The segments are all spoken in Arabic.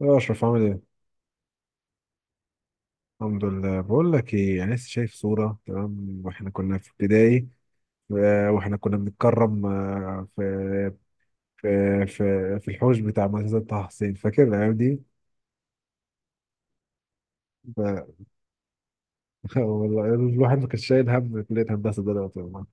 يا أشرف عامل إيه؟ الحمد لله، بقول لك إيه، أنا لسه شايف صورة، تمام وإحنا كنا في ابتدائي. وإحنا كنا بنتكرم في في الحوش بتاع مدرسة طه حسين، فاكر الأيام دي؟ ف- والله الواحد ما كانش شايل هم كلية هندسة ده دلوقتي والله.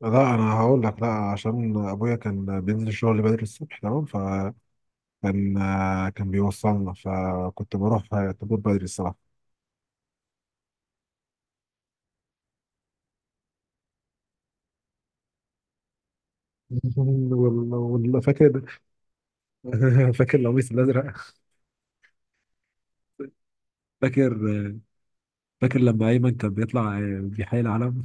لا أنا هقول لك، لا عشان أبويا كان بينزل الشغل بدري الصبح، تمام، فكان كان بيوصلنا فكنت بروح طابور بدري الصراحة. والله والله فاكر. فاكر القميص الأزرق. فاكر، فاكر لما ايمن كان بيطلع بيحيي العلم.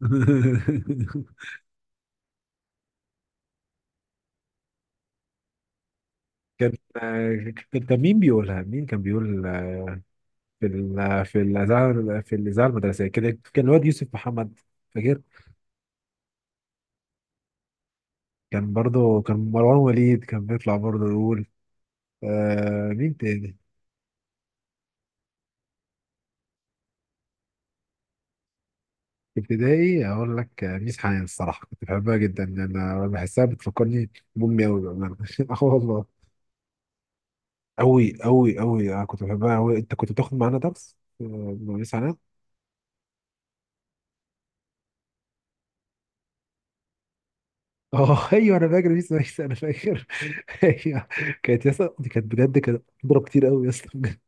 كان، كان مين بيقولها؟ مين كان بيقول؟ في الاذاعه المدرسيه كده كان الواد يوسف محمد، فاكر؟ كان برضه كان مروان وليد كان بيطلع برضه يقول. آه، مين تاني؟ في ابتدائي اقول لك، ميس حنان الصراحه كنت بحبها جدا، انا بحسها بتفكرني بامي قوي بامانه. اه والله. قوي قوي قوي، انا كنت بحبها قوي. انت كنت بتاخد معانا درس مع ميس؟ اه ايوه انا فاكر بيس ميس، انا فاكر. ايوه. كانت يا اسطى دي كانت بجد كانت بتضرب كتير قوي يا اسطى بجد.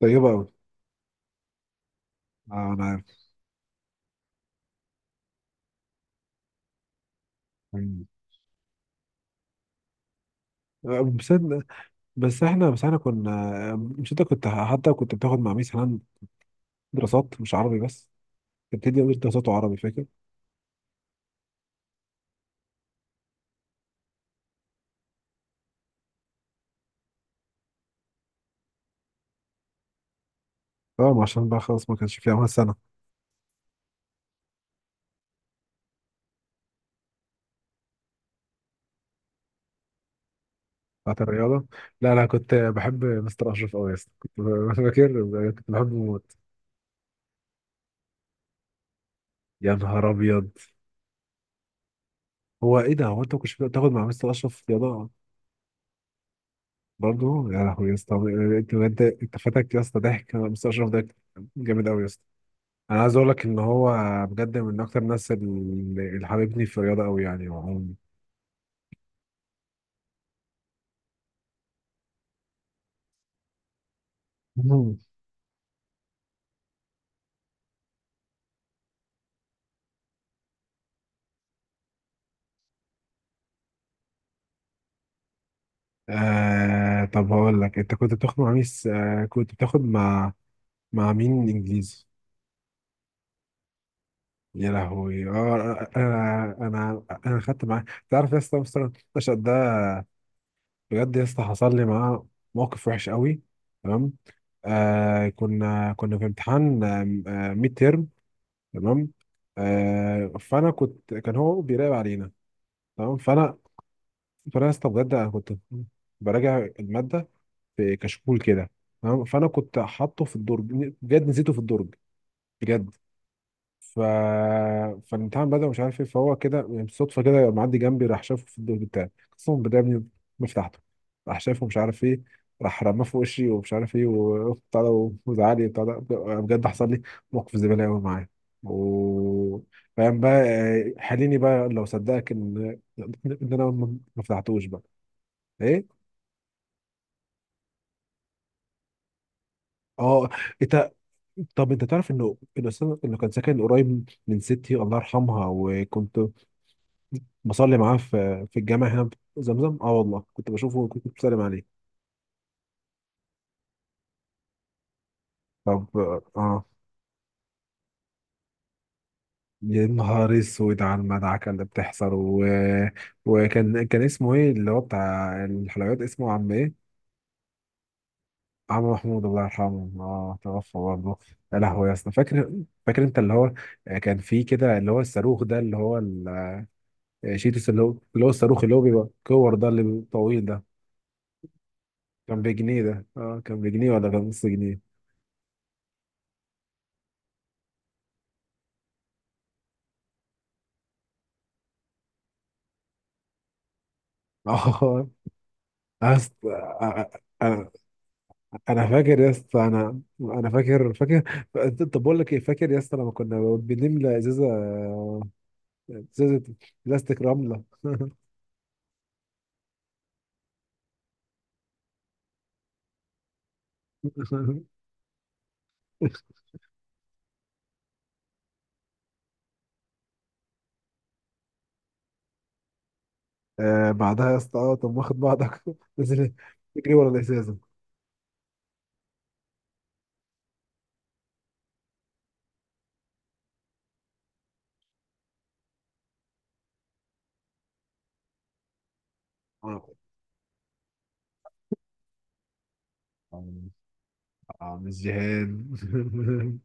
طيبه قوي. اه انا عارف. مم. آه، بس إن- بس احنا كنا مش، انت كنت، حتى كنت بتاخد مع ميس حنان دراسات مش عربي بس. كانت بتدي ميس دراسات وعربي، فاكر؟ اه، ما عشان بقى خلاص ما كانش فيها اول سنه. بتاعت الرياضه؟ لا لا، كنت بحب مستر اشرف قوي يا اسطى، فاكر كنت بحبه موت. يا نهار ابيض، هو ايه ده؟ هو انت ما كنتش بتاخد مع مستر اشرف رياضه برضه يا لهوي يا اسطى؟ انت بجد انت فاتك يا اسطى ضحك مستر اشرف ده، جامد قوي يا اسطى. انا عايز اقول لك ان هو بجد من اكتر الناس اللي حبيبني في الرياضه قوي، يعني وعموماً. مم. آه، طب هقول لك، انت كنت بتاخد مع مين س- آه كنت بتاخد مع مع مين انجليزي؟ يا لهوي اه. انا خدت معاه، تعرف يا اسطى، مستر النشأت ده بجد يا اسطى، حصل لي معاه موقف وحش قوي، تمام؟ آه، كنا، كنا في امتحان ميد تيرم، تمام؟ آه، فانا كنت، كان هو بيراقب علينا، تمام. فانا فانا استبجد انا كنت براجع الماده في كشكول كده، تمام، فانا كنت حاطه في الدرج، بجد نسيته في الدرج، بجد. ف فالامتحان بدأ، مش عارف ايه، فهو كده يعني بالصدفه كده يبقى معدي جنبي، راح شافه في الدور بتاعي، قسما بالله يا ابني ما فتحته. راح شافه مش عارف ايه، راح رماه في وشي ومش عارف ايه وبتاع ده، وزعلي وبتاع ده، بجد حصل لي موقف زباله قوي معاه. و فاهم بقى حليني بقى لو صدقك ان انا ما فتحتوش بقى. ايه؟ اه. انت، طب انت تعرف انه الاستاذ اللي كان ساكن قريب من ستي الله يرحمها، وكنت بصلي معاه في في الجامع هنا في زمزم، اه والله كنت بشوفه كنت بسلم عليه. طب، اه. يا نهار اسود على المدعكه اللي بتحصل و... وكان، كان اسمه ايه، اللي هو بتاع الحلويات، اسمه عم ايه؟ عم محمود، الله يرحمه، اه توفى برضه. يا لهوي يا اسطى، فاكر، فاكر انت اللي هو، كان فيه كده اللي هو الصاروخ ده، اللي هو ال- آه، شيتوس، اللي هو اللي هو الصاروخ اللي هو بيبقى كور ده، اللي بيبقى طويل ده. كان بجنيه ده، اه، كان بجنيه ولا كان نص جنيه؟ اه. أصل- انا فاكر يا اسطى، انا فاكر، فاكر. طب بقول لك ايه، فاكر يا اسطى لما كنا بنملى ازازه، ازازه بلاستيك رمله. آه بعدها يا اسطى، اه طب واخد بعضك نزل تجري ورا الازازه. اه، آه، مش جهاد.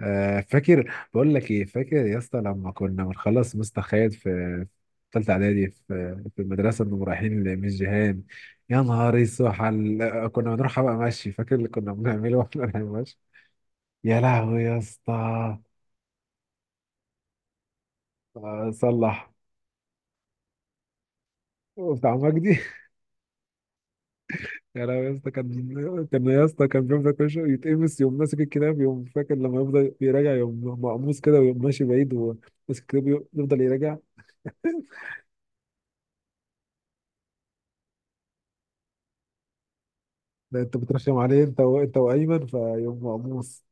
فاكر بقول لك ايه، فاكر يا اسطى لما كنا بنخلص مستخيل في ثالثه اعدادي، في في المدرسه، انهم رايحين لميس جيهان؟ يا نهار اسود كنا بنروح بقى مشي، فاكر اللي كنا بنعمله واحنا رايحين مشي؟ يا لهوي يا اسطى. صلح بتاع مجدي. يا لهوي يا اسطى، كان، كان يا اسطى كان بيفضل كل شويه يتقمص، يوم ماسك الكتاب، يوم فاكر لما يفضل يراجع، يوم مقموص كده، ويوم ماشي بعيد وماسك الكتاب يفضل يراجع. ده انت بترخم عليه انت و... انت وايمن، فيقوم مقموص.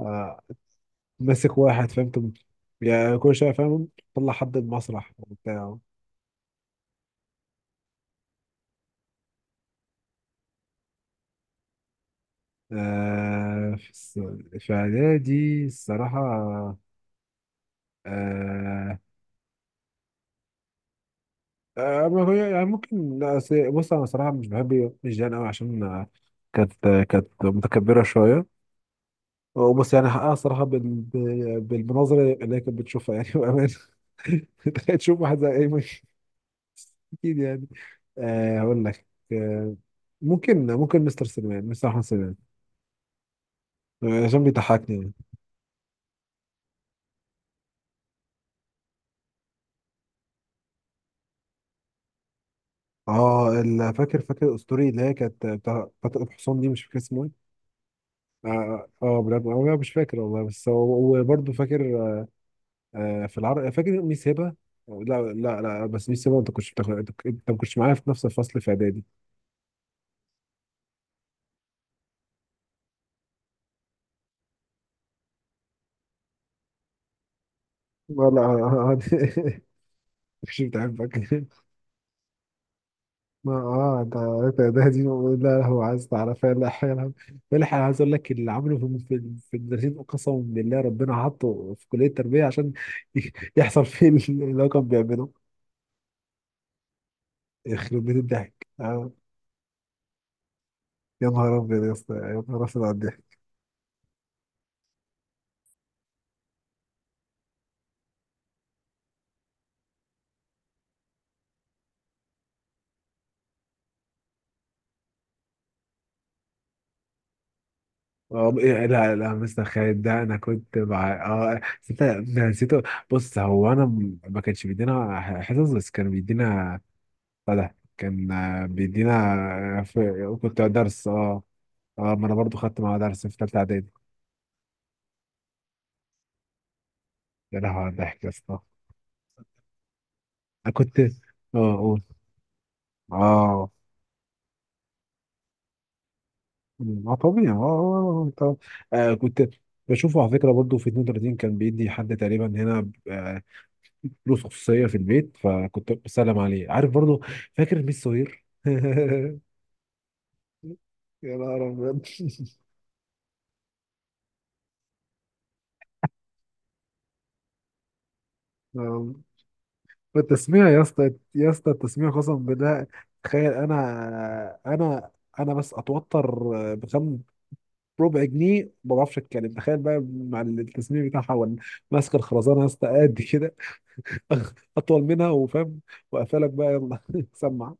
آه. ماسك واحد، فهمت يعني، كل شويه فاهم طلع حد المسرح وبتاع. آه. في اعدادي الصراحه. آه. آه. ما هو يعني ممكن، لا، أصل- بص انا صراحه مش بحب الجيران قوي، عشان كانت، كانت متكبره شويه، وبص يعني حقها صراحه بالمناظر اللي هي كانت بتشوفها يعني، بامان. تخيل تشوف واحد زي ايمن، اكيد يعني. آه هقول لك. آه، ممكن، ممكن مستر سليمان، مستر احمد سليمان، عشان بيضحكني يعني. فاكر، فاكر الاسطوري اللي هي كانت بتاع فتى الحصان دي، مش فاكر اسمه ايه. اه، آه، آه، بجد انا مش فاكر والله، بس هو وبرضه فاكر. آه في العرب، فاكر ميس هبه. لا لا لا، بس ميس هبه انت كنتش بتاخد، انت ما كنتش معايا في نفس الفصل في اعدادي. لا لا أنا- أنا- مش بتحبك. ما اه ده دي. لا هو عايز تعرفها، لا حاجه الحق، أنا عايز اقول لك اللي عمله في المدرسين، قسما بالله ربنا حطه في كليه التربيه عشان ي- يحصل فيه اللي هو كان بيعمله. يخرب بيت الضحك. آه. يا نهار ابيض يا اسطى، يا نهار ابيض على الضحك. اه، إيه، لا لا، مستر خالد ده انا كنت مع، اه بس انت، أنا نسيته. بص هو انا ما كانش بيدينا حصص بس كان بيدينا بتاع ده، كان بيدينا كنت درس، اه. اه، ما انا برضو خدت معاه درس في ثالثه اعدادي. يا لهوي على الضحك يا اسطى. انا كنت، اه قول. اه، اه طبيعي، اه، آه، آه، طب. آه كنت بشوفه على فكره برضه في 32، كان بيدي حد تقريبا هنا فلوس خصوصيه في البيت، فكنت بسلم عليه، عارف، برضه. فاكر ميس سوير. يا نهار ابيض. آه، التسميع يا اسطى، يا اسطى التسميع قسما بالله. تخيل انا بس اتوتر، بخم ربع جنيه ما بعرفش اتكلم، تخيل بقى مع التصميم بتاعها ماسكه الخرزانه يا اسطى قد كده، اطول منها وفاهم، وقفلك بقى يلا سمع.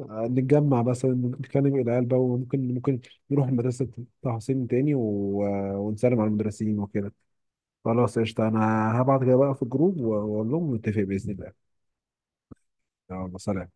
نتجمع مثلا نتكلم العيال بقى، وممكن، ممكن نروح مدرسه طه حسين تاني و... ونسلم على المدرسين وكده. خلاص قشطه. انا هبعت كده بقى في الجروب واقول لهم، نتفق باذن الله. يلا سلام.